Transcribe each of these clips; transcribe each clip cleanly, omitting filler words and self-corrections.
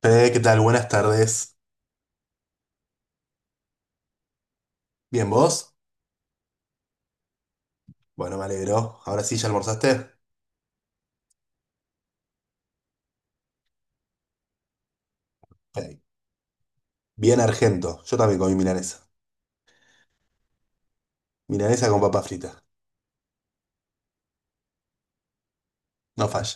Fede, ¿qué tal? Buenas tardes. ¿Bien vos? Bueno, me alegro. Ahora sí, ¿ya almorzaste? Ok. Bien argento. Yo también comí milanesa. Milanesa con papa frita. No falla.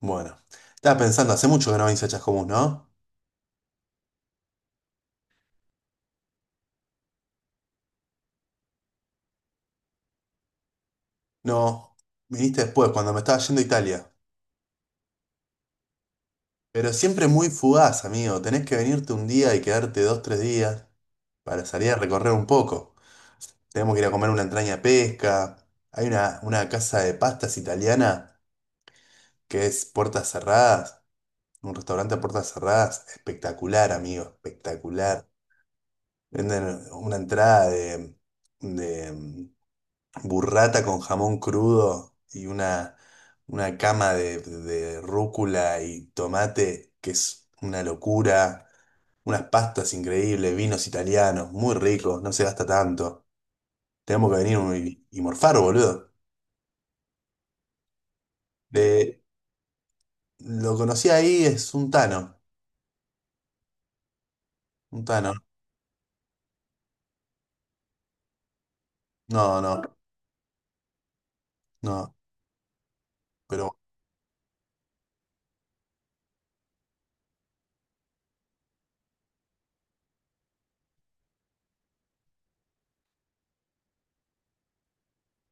Bueno. Estaba pensando, hace mucho que no venís a Chascomús, ¿no? No. Viniste después, cuando me estaba yendo a Italia. Pero siempre muy fugaz, amigo. Tenés que venirte un día y quedarte 2, 3 días para salir a recorrer un poco. Tenemos que ir a comer una entraña de pesca. Hay una casa de pastas italiana que es puertas cerradas. Un restaurante a puertas cerradas, espectacular, amigo, espectacular. Venden una entrada de burrata con jamón crudo y una cama de rúcula y tomate, que es una locura. Unas pastas increíbles, vinos italianos, muy ricos, no se gasta tanto. Tenemos que venir y morfar, boludo. De- lo conocí ahí, es un tano, un tano. No, no, no, pero...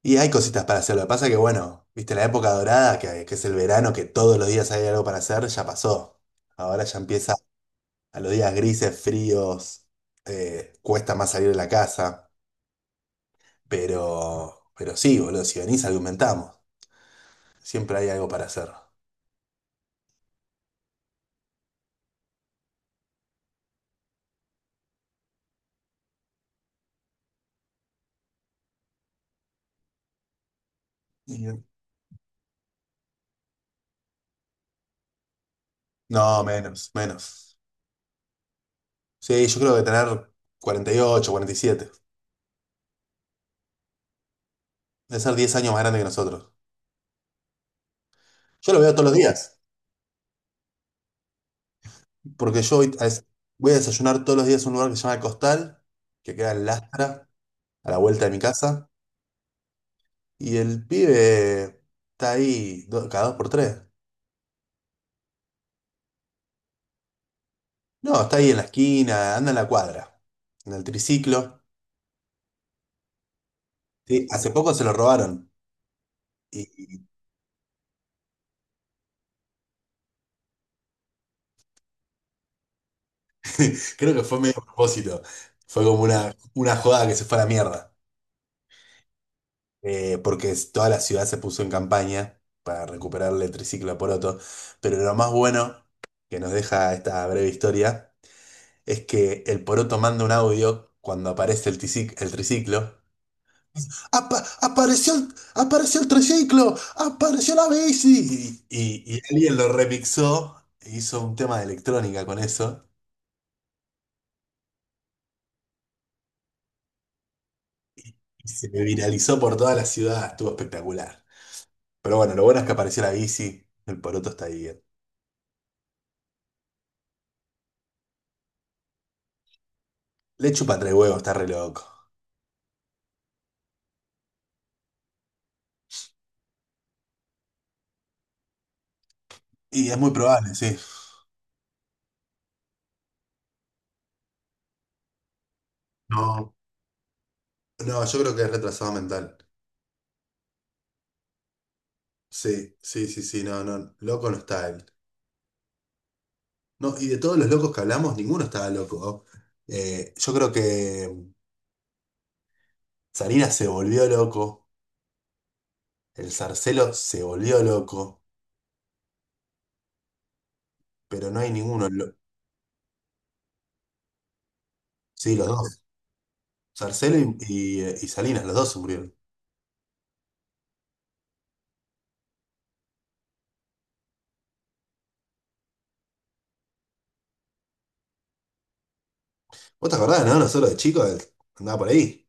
Y hay cositas para hacer. Lo que pasa que, bueno, viste, la época dorada, que es el verano, que todos los días hay algo para hacer, ya pasó. Ahora ya empieza a los días grises, fríos, cuesta más salir de la casa. Pero sí, boludo, si venís, argumentamos. Siempre hay algo para hacer. Y- No, menos, menos. Sí, yo creo que tener 40, 48, 47. Debe ser 10 años más grande que nosotros. Yo lo veo todos los días, porque yo voy a desayunar todos los días en un lugar que se llama El Costal, que queda en Lastra, a la vuelta de mi casa. Y el pibe está cada dos por tres. No, está ahí en la esquina, anda en la cuadra, en el triciclo. Sí, hace poco se lo robaron. Y, y creo que fue medio a propósito. Fue como una joda que se fue a la mierda. Toda la ciudad se puso en campaña para recuperarle el triciclo a Poroto. Pero lo más bueno que nos deja esta breve historia es que el Poroto manda un audio cuando aparece el triciclo. Apareció el triciclo, apareció la bici. Y alguien lo remixó e hizo un tema de electrónica con eso. Y se viralizó por toda la ciudad, estuvo espectacular. Pero bueno, lo bueno es que apareció la bici, el poroto está bien. Le chupa tres huevos, está re loco. Y es muy probable, sí. No, no, yo creo que es retrasado mental. Sí, sí, sí, sí, no, no, loco no está él. No, y de todos los locos que hablamos, ninguno estaba loco. Yo creo que Sarina se volvió loco. El Zarcelo se volvió loco, pero no hay ninguno. Sí, los dos. Zarcelo y Salinas, los dos se murieron. ¿Vos te acordás, no? Nosotros de chicos andaba por ahí.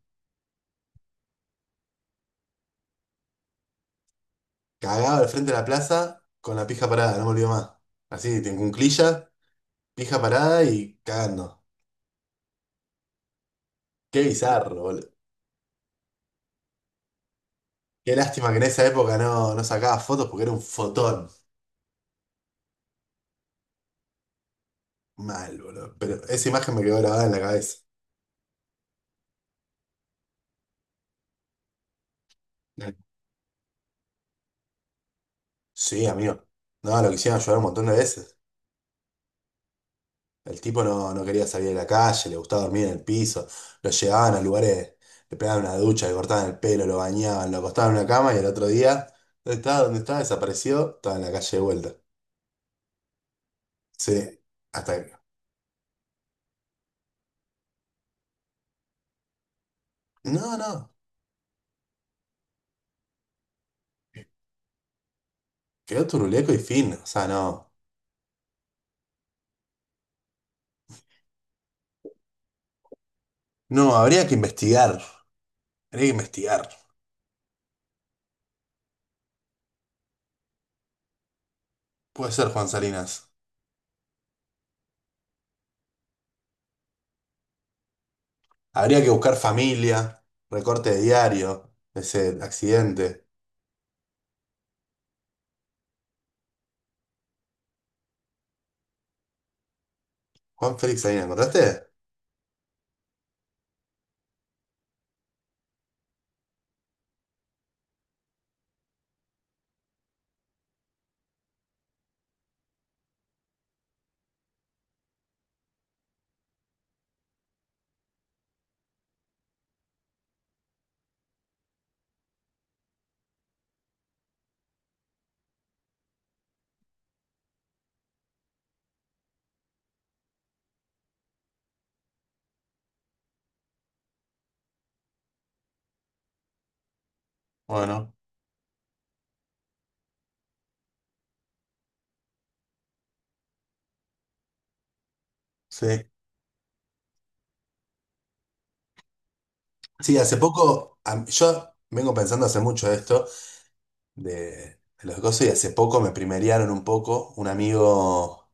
Cagaba al frente de la plaza con la pija parada, no me olvido más. Así, en cunclilla, pija parada y cagando. Qué bizarro, boludo. Qué lástima que en esa época no sacaba fotos porque era un fotón. Mal, boludo. Pero esa imagen me quedó grabada en la cabeza. Sí, amigo. No, lo quisieron ayudar un montón de veces. El tipo no quería salir de la calle, le gustaba dormir en el piso, lo llevaban a lugares, le pegaban una ducha, le cortaban el pelo, lo bañaban, lo acostaban en una cama y el otro día, ¿dónde estaba? ¿Dónde estaba? Desapareció, estaba en la calle de vuelta. Sí, hasta que... No, no, quedó turuleco y fin, o sea, no. No, habría que investigar, habría que investigar. Puede ser, Juan Salinas. Habría que buscar familia, recorte de diario, ese accidente. Juan Félix Salinas, ¿encontraste? Bueno, sí. Sí, hace poco, yo vengo pensando hace mucho esto de, de los cosas y hace poco me primerearon un poco. Un amigo,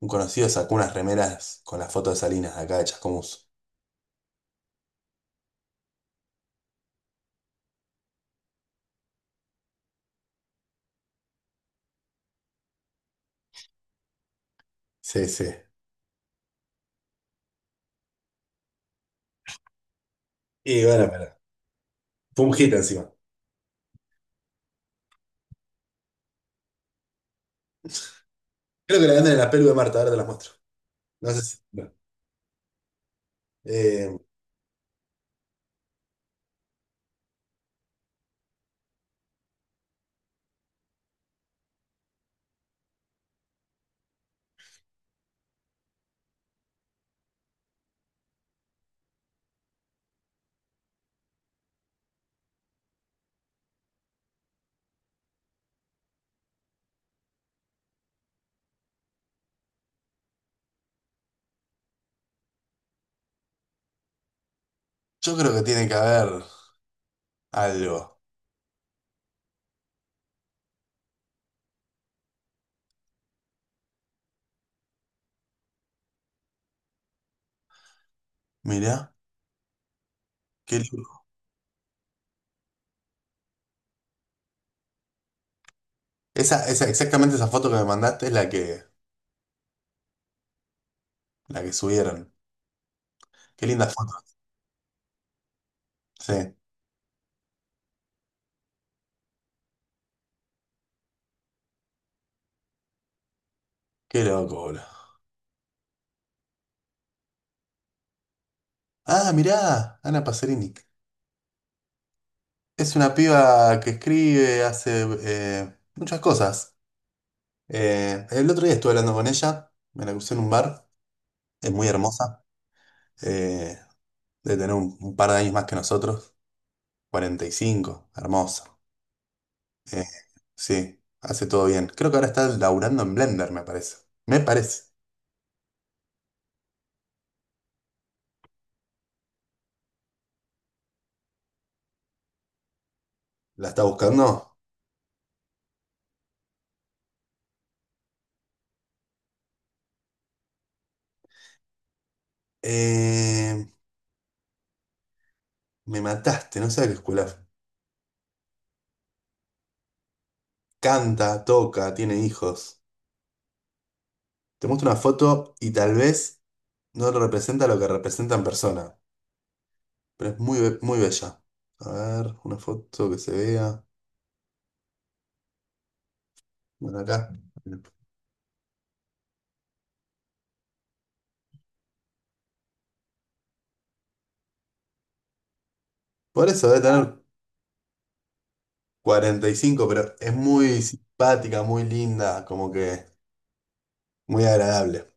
un conocido sacó unas remeras con la foto de Salinas de acá de Chascomús. Sí, sí. Y bueno, pero fue un hit encima. Creo que la venden en la pelu de Marta, ahora te las muestro. No sé si. No. Eh, yo creo que tiene que haber algo. Mirá, qué lindo. Exactamente esa foto que me mandaste es la que, subieron. Qué linda foto. Sí, qué loco, boludo. Ah, mirá, Ana Pacerini. Es una piba que escribe, hace muchas cosas. El otro día estuve hablando con ella, me la crucé en un bar, es muy hermosa, eh, debe tener un par de años más que nosotros, 45, hermosa. Eh, sí, hace todo bien. Creo que ahora está laburando en Blender, me parece. Me parece. ¿La está buscando? Eh, me mataste, no sé a qué escuela. Canta, toca, tiene hijos. Te muestro una foto y tal vez... No representa lo que representa en persona, pero es muy, muy bella. A ver, una foto que se vea. Bueno, acá. Por eso debe tener 45, pero es muy simpática, muy linda, como que muy agradable.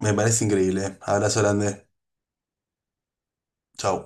Me parece increíble, ¿eh? Abrazo grande. Chau.